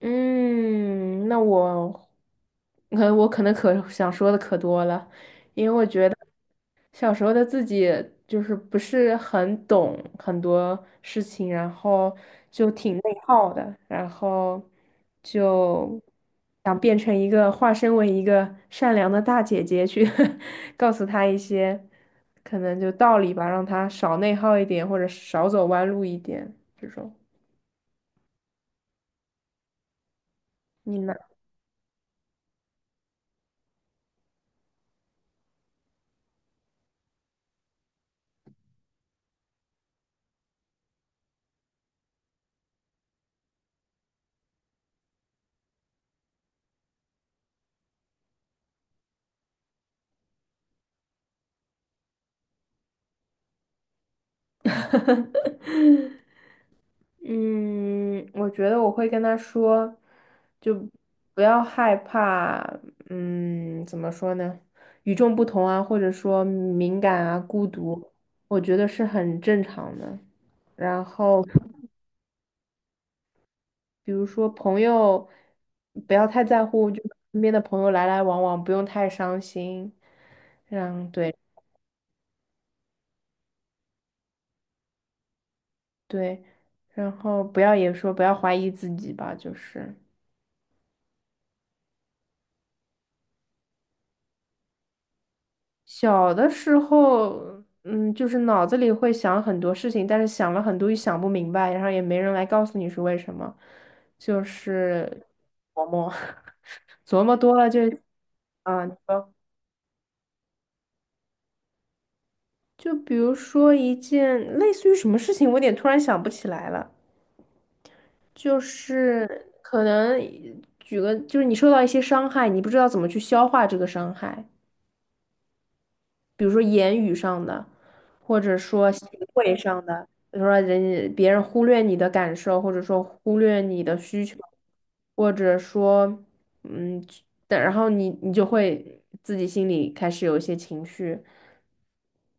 嗯，那我，我可能想说的可多了，因为我觉得小时候的自己不是很懂很多事情，然后就挺内耗的，然后就想变成一个化身为一个善良的大姐姐去 告诉她一些可能就道理吧，让她少内耗一点，或者少走弯路一点这种。你呢？嗯，我觉得我会跟他说，就不要害怕，嗯，怎么说呢？与众不同啊，或者说敏感啊、孤独，我觉得是很正常的。然后，比如说朋友，不要太在乎，就身边的朋友来来往往，不用太伤心。嗯，对对，然后不要不要怀疑自己吧，就是。小的时候，嗯，就是脑子里会想很多事情，但是想了很多又想不明白，然后也没人来告诉你是为什么，就是琢磨，琢磨多了就，啊，你说，就比如说一件类似于什么事情，我有点突然想不起来了，就是可能举个，就是你受到一些伤害，你不知道怎么去消化这个伤害。比如说言语上的，或者说行为上的，比如说别人忽略你的感受，或者说忽略你的需求，或者说，嗯，但然后你就会自己心里开始有一些情绪。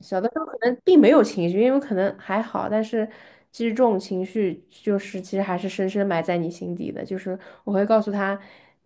小的时候可能并没有情绪，因为可能还好，但是其实这种情绪其实还是深深埋在你心底的。就是我会告诉他，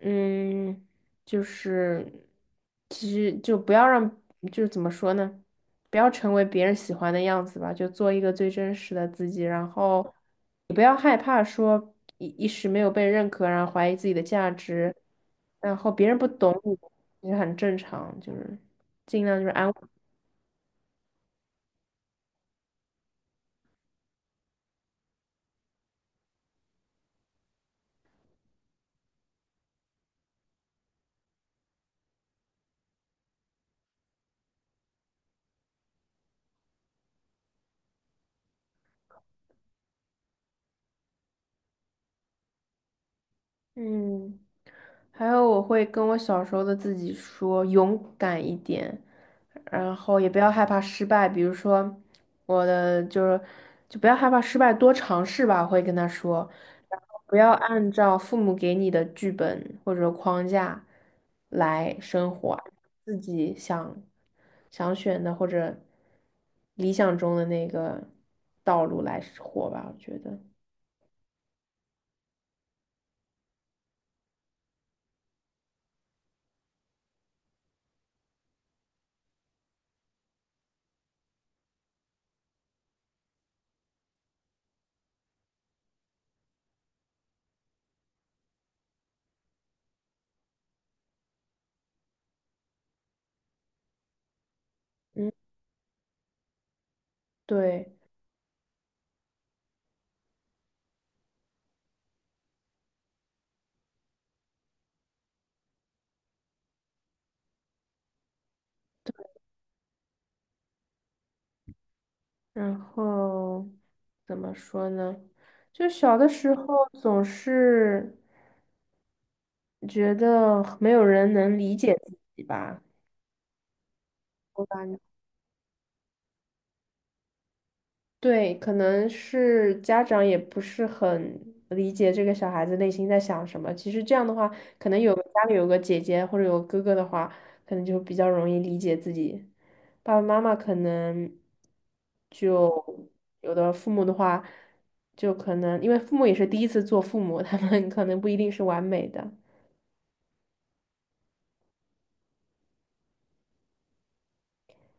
嗯，就是其实就不要让，就是怎么说呢，不要成为别人喜欢的样子吧，就做一个最真实的自己，然后你不要害怕说一时没有被认可，然后怀疑自己的价值，然后别人不懂你，也很正常，就是尽量就是安慰，嗯。还有我会跟我小时候的自己说勇敢一点，然后也不要害怕失败。比如说，我的就是就不要害怕失败，多尝试吧，我会跟他说。然后不要按照父母给你的剧本或者框架来生活，自己想选的或者理想中的那个道路来活吧，我觉得对。然后。怎么说呢？就小的时候总是觉得没有人能理解自己吧。我感觉对，可能是家长也不是很理解这个小孩子内心在想什么。其实这样的话，可能家里有个姐姐或者有个哥哥的话，可能就比较容易理解自己。爸爸妈妈可能就有的父母的话，就可能因为父母也是第一次做父母，他们可能不一定是完美的。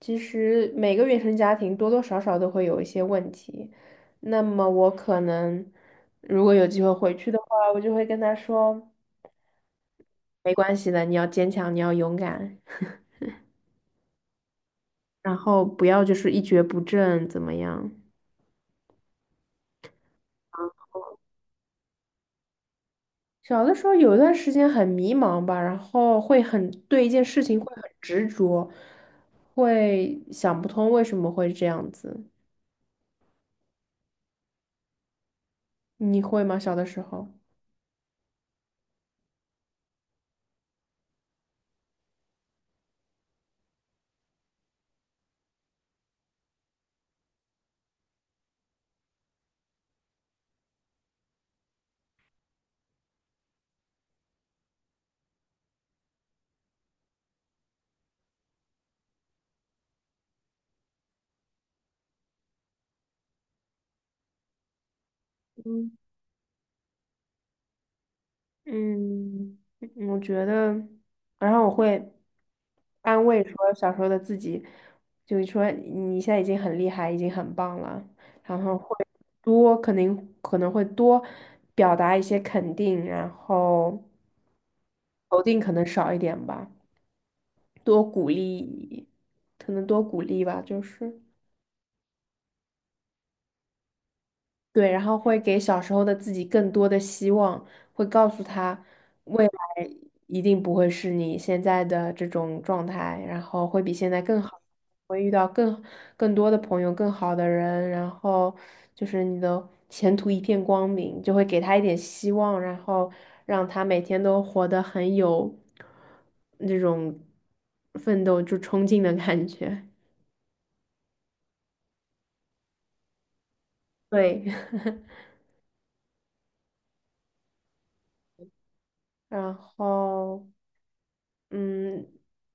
其实每个原生家庭多多少少都会有一些问题，那么我可能如果有机会回去的话，我就会跟他说，没关系的，你要坚强，你要勇敢，然后不要就是一蹶不振，怎么样？小的时候有一段时间很迷茫吧，然后会很对一件事情会很执着，会想不通为什么会这样子，你会吗？小的时候？嗯。嗯,我觉得，然后我会安慰说小时候的自己，就是说你现在已经很厉害，已经很棒了，然后会多可能会多表达一些肯定，然后否定可能少一点吧，多鼓励，可能多鼓励吧，就是。对，然后会给小时候的自己更多的希望，会告诉他未来一定不会是你现在的这种状态，然后会比现在更好，会遇到更多的朋友、更好的人，然后就是你的前途一片光明，就会给他一点希望，然后让他每天都活得很有那种奋斗就冲劲的感觉。对，然后。嗯，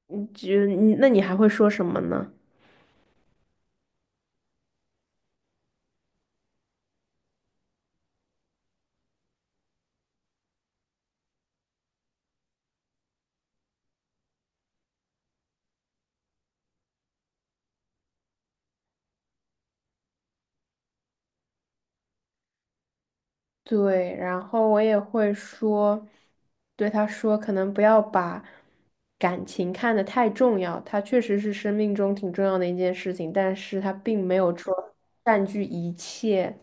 你还会说什么呢？对，然后我也会说，对他说，可能不要把感情看得太重要，它确实是生命中挺重要的一件事情，但是它并没有说占据一切。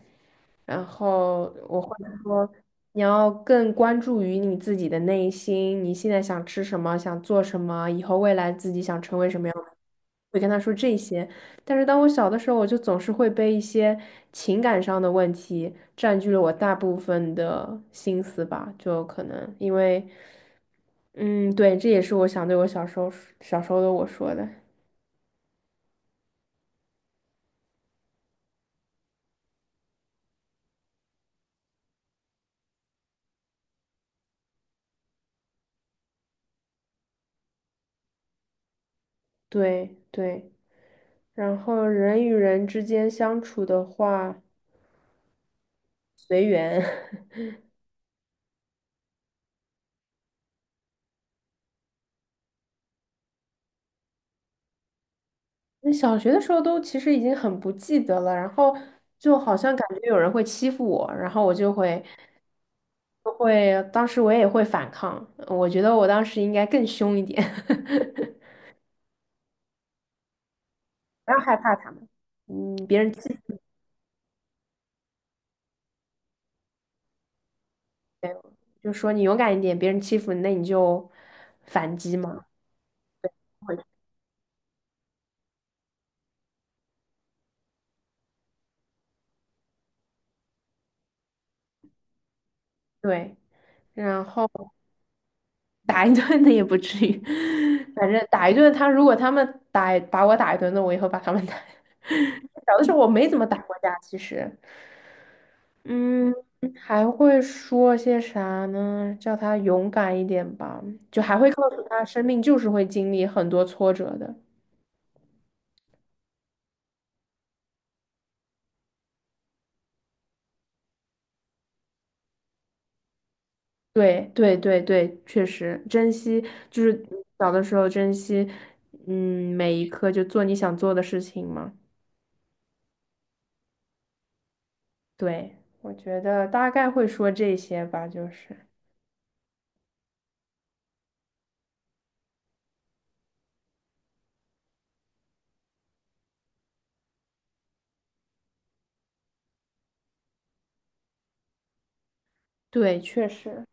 然后我会说，你要更关注于你自己的内心，你现在想吃什么，想做什么，以后未来自己想成为什么样的。会跟他说这些，但是当我小的时候，我就总是会被一些情感上的问题占据了我大部分的心思吧，就可能因为，嗯，对，这也是我想对我小时候的我说的，对对。然后人与人之间相处的话，随缘。那小学的时候都其实已经很不记得了，然后就好像感觉有人会欺负我，然后我就会，当时我也会反抗，我觉得我当时应该更凶一点。不要害怕他们，嗯，别人欺负没有就说你勇敢一点，别人欺负你，那你就反击嘛，会对，然后 打一顿的也不至于，反正打一顿他，如果他们把我打一顿，那我以后把他们打。小的时候我没怎么打过架，其实，嗯，还会说些啥呢？叫他勇敢一点吧，就还会告诉他，生命就是会经历很多挫折的。对对对对，确实珍惜，就是小的时候珍惜，嗯，每一刻就做你想做的事情嘛。对，我觉得大概会说这些吧，就是对，确实，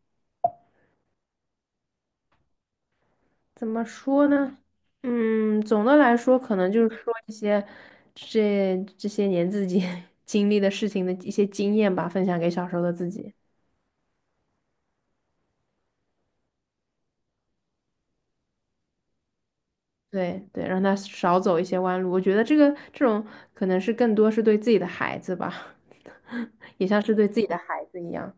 怎么说呢？嗯，总的来说，可能就是说一些这些年自己 经历的事情的一些经验吧，分享给小时候的自己。对对，让他少走一些弯路。我觉得这种可能是更多是对自己的孩子吧。也像是对自己的孩子一样，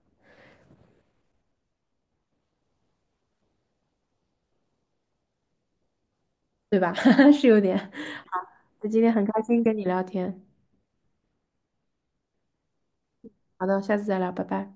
对吧？是有点 好，那今天很开心跟你聊天，好的，下次再聊，拜拜。